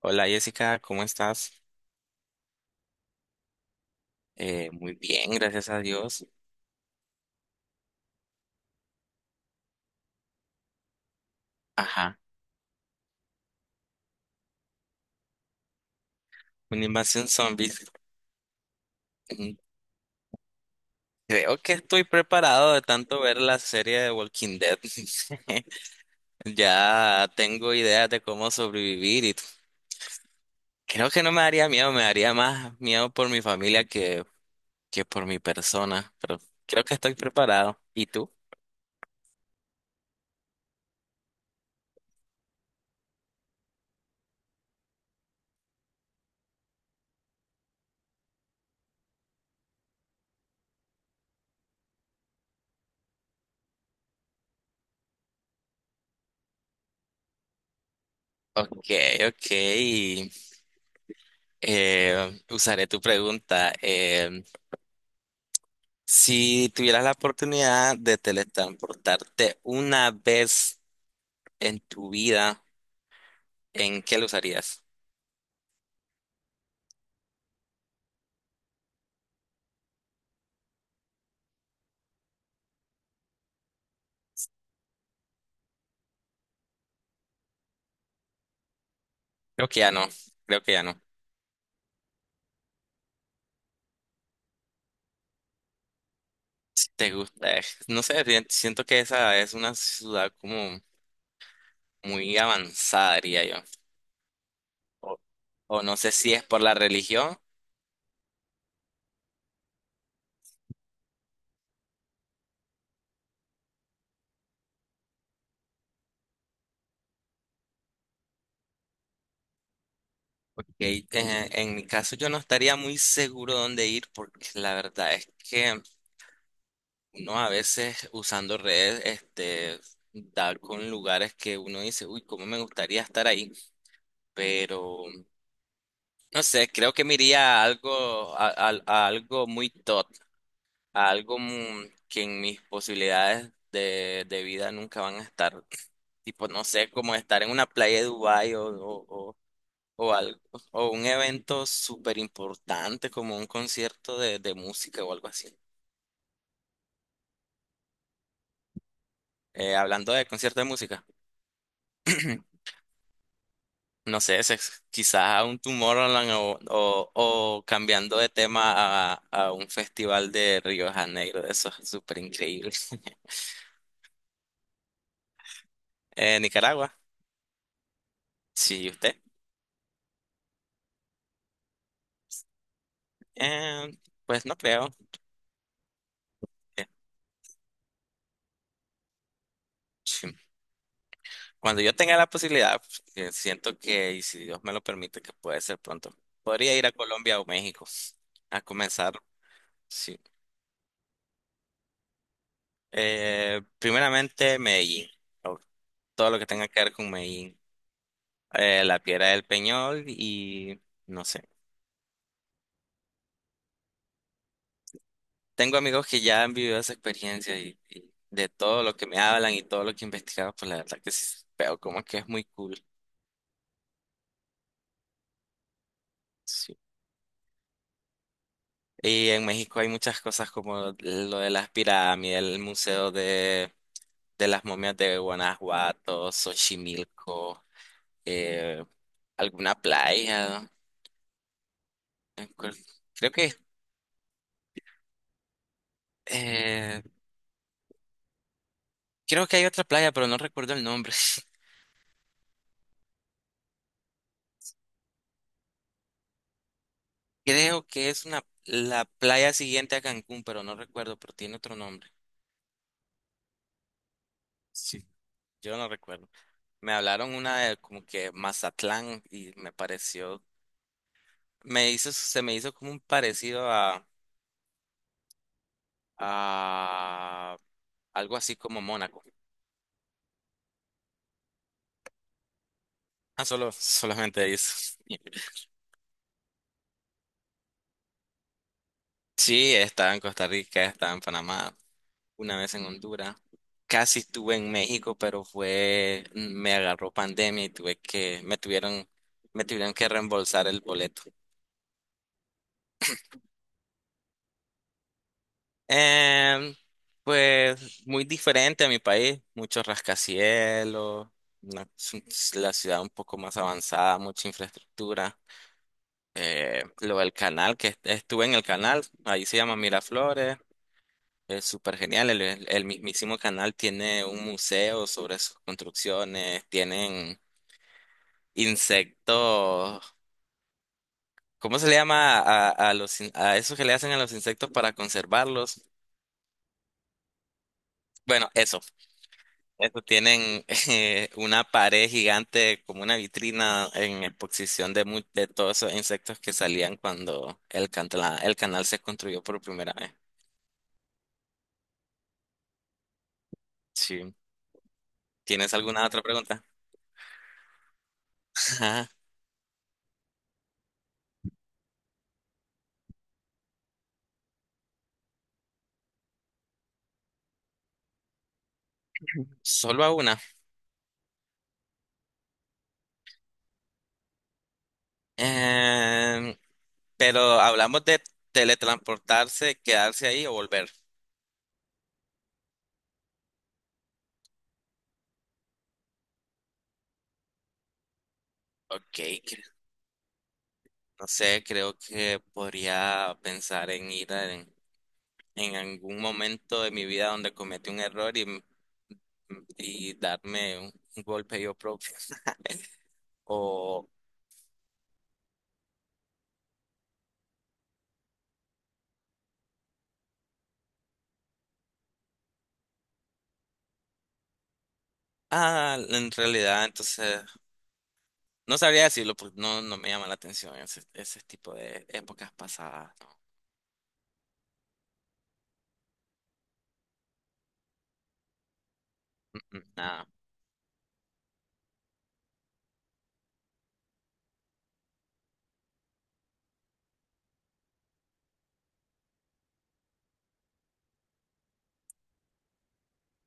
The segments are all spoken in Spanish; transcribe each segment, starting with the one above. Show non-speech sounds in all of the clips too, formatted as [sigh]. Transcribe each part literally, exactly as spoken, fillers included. Hola Jessica, ¿cómo estás? Eh, muy bien, gracias a Dios. Ajá, una invasión zombies. Mm, Creo que estoy preparado de tanto ver la serie de Walking Dead. [laughs] Ya tengo ideas de cómo sobrevivir y t- creo que no me daría miedo, me daría más miedo por mi familia que, que por mi persona, pero creo que estoy preparado. ¿Y tú? Ok, ok. Eh, usaré tu pregunta. eh, Si tuvieras la oportunidad de teletransportarte una vez en tu vida, ¿en qué lo usarías? Creo que ya no, creo que ya no. Si te gusta, eh, no sé, si- siento que esa es una ciudad como muy avanzada, diría yo. O, o no sé si es por la religión, porque eh, en mi caso yo no estaría muy seguro dónde ir, porque la verdad es que uno a veces usando redes, este, da con lugares que uno dice, uy, cómo me gustaría estar ahí, pero no sé, creo que me iría a algo, a, a- a algo muy top, a algo mu- que en mis posibilidades de, de vida nunca van a estar, tipo, no sé, como estar en una playa de Dubái o, o, o- o algo, o un evento súper importante como un concierto de, de música o algo así. Eh, hablando de concierto de música. [clears throat] No sé, se- quizás a un Tomorrowland o, o, o cambiando de tema a, a un festival de Río de Janeiro, eso es súper increíble. [laughs] Eh, Nicaragua, sí, ¿y usted? Eh, pues no creo. Eh, sí. Cuando yo tenga la posibilidad, que siento que, y si Dios me lo permite, que puede ser pronto, podría ir a Colombia o México a comenzar, sí. Eh, primeramente, Medellín, o todo lo que tenga que ver con Medellín. Eh, la Piedra del Peñol y... No sé. Tengo amigos que ya han vivido esa experiencia y, y de todo lo que me hablan y todo lo que he investigado pues la verdad que sí, pero como que es muy cool. Sí. Y en México hay muchas cosas como lo de las pirámides, el museo de, de las momias de Guanajuato, Xochimilco, eh, alguna playa, ¿no? Me acuer- Creo que eh, creo que hay otra playa, pero no recuerdo el nombre. [laughs] Creo que es una la playa siguiente a Cancún, pero no recuerdo, pero tiene otro nombre. Yo no recuerdo. Me hablaron una de como que Mazatlán y me pareció, me hizo, se me hizo como un parecido a, a algo así como Mónaco. Ah, solo, solamente eso. [laughs] Sí, estaba en Costa Rica, estaba en Panamá, una vez en Honduras. Casi estuve en México, pero fue, me agarró pandemia y tuve que, me tuvieron, me tuvieron que reembolsar el boleto. Em, pues muy diferente a mi país, muchos rascacielos, una- es un- es la ciudad un poco más avanzada, mucha infraestructura. Eh, lo del canal, que est- estuve en el canal, ahí se llama Miraflores, es súper genial. El, el- el mismísimo canal tiene un museo sobre sus construcciones, tienen insectos. ¿Cómo se le llama a, a los, in- a esos que le hacen a los insectos para conservarlos? Bueno, eso. Eso tienen, eh, una pared gigante como una vitrina en exposición de, mu- de todos esos insectos que salían cuando el, cantla- el canal se construyó por primera vez. Sí. ¿Tienes alguna otra pregunta? Ajá, solo a una. Em, pero hablamos de teletransportarse, quedarse ahí o volver. Ok, cre- no sé, creo que podría pensar en ir a- en, en algún momento de mi vida donde cometí un error y darme un, un golpe yo propio. [laughs] O, ah, en realidad, entonces, no sabría decirlo porque no, no me llama la atención ese, ese tipo de épocas pasadas, ¿no? Mm, mm, nada.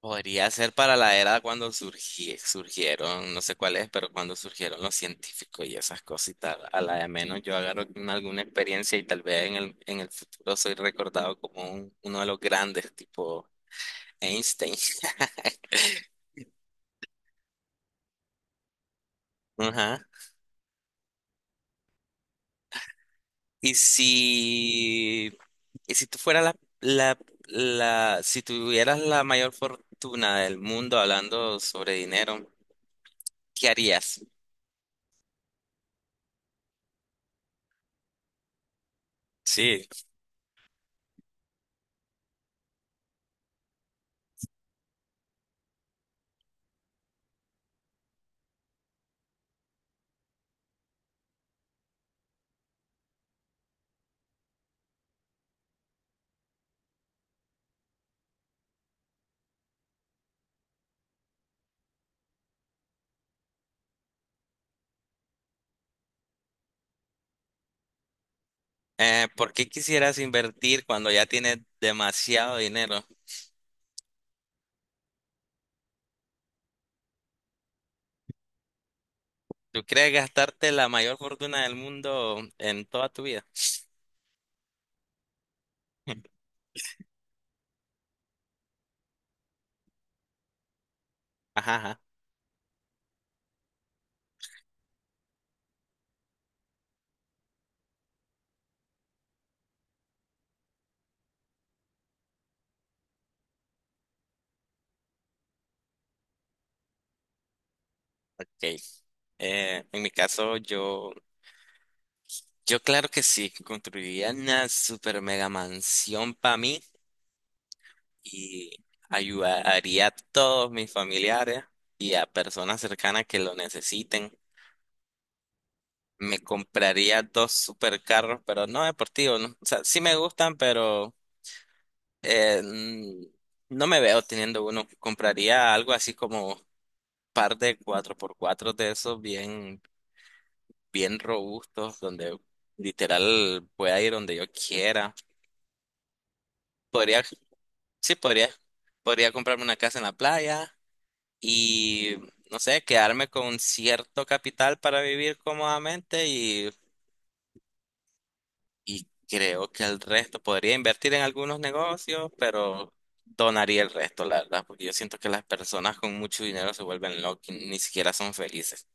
Podría ser para la era cuando surgí- surgieron, no sé cuál es, pero cuando surgieron los científicos y esas cositas, a la de menos yo agarro una- alguna experiencia y tal vez en el, en el futuro soy recordado como un- uno de los grandes, tipo Einstein. [laughs] Ajá. Y si Y si tú fueras la, la, la, si tuvieras la mayor fortuna del mundo hablando sobre dinero, ¿qué harías? Sí. Eh, ¿por qué quisieras invertir cuando ya tienes demasiado dinero? ¿Tú crees gastarte la mayor fortuna del mundo en toda tu vida? [laughs] Ajá, ajá. Ok. Eh, en mi caso, yo, yo claro que sí, construiría una super mega mansión para mí y ayudaría a todos mis familiares y a personas cercanas que lo necesiten. Me compraría dos supercarros, pero no deportivos, ¿no? O sea, sí me gustan, pero eh, mm, no me veo teniendo uno. Compraría algo así como par de cuatro por cuatro de esos bien, bien robustos, donde literal pueda ir donde yo quiera. Podría, sí, podría. Podría comprarme una casa en la playa y, no sé, quedarme con cierto capital para vivir cómodamente y, y creo que el resto podría invertir en algunos negocios, pero donaría el resto, la verdad, porque yo siento que las personas con mucho dinero se vuelven locas, y ni siquiera son felices.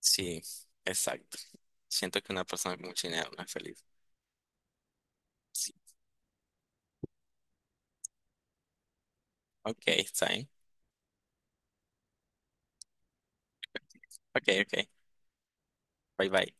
Sí, exacto. Siento que una persona con mucho dinero no es feliz. Sí. Ok, está bien. Ok, ok. Bye bye.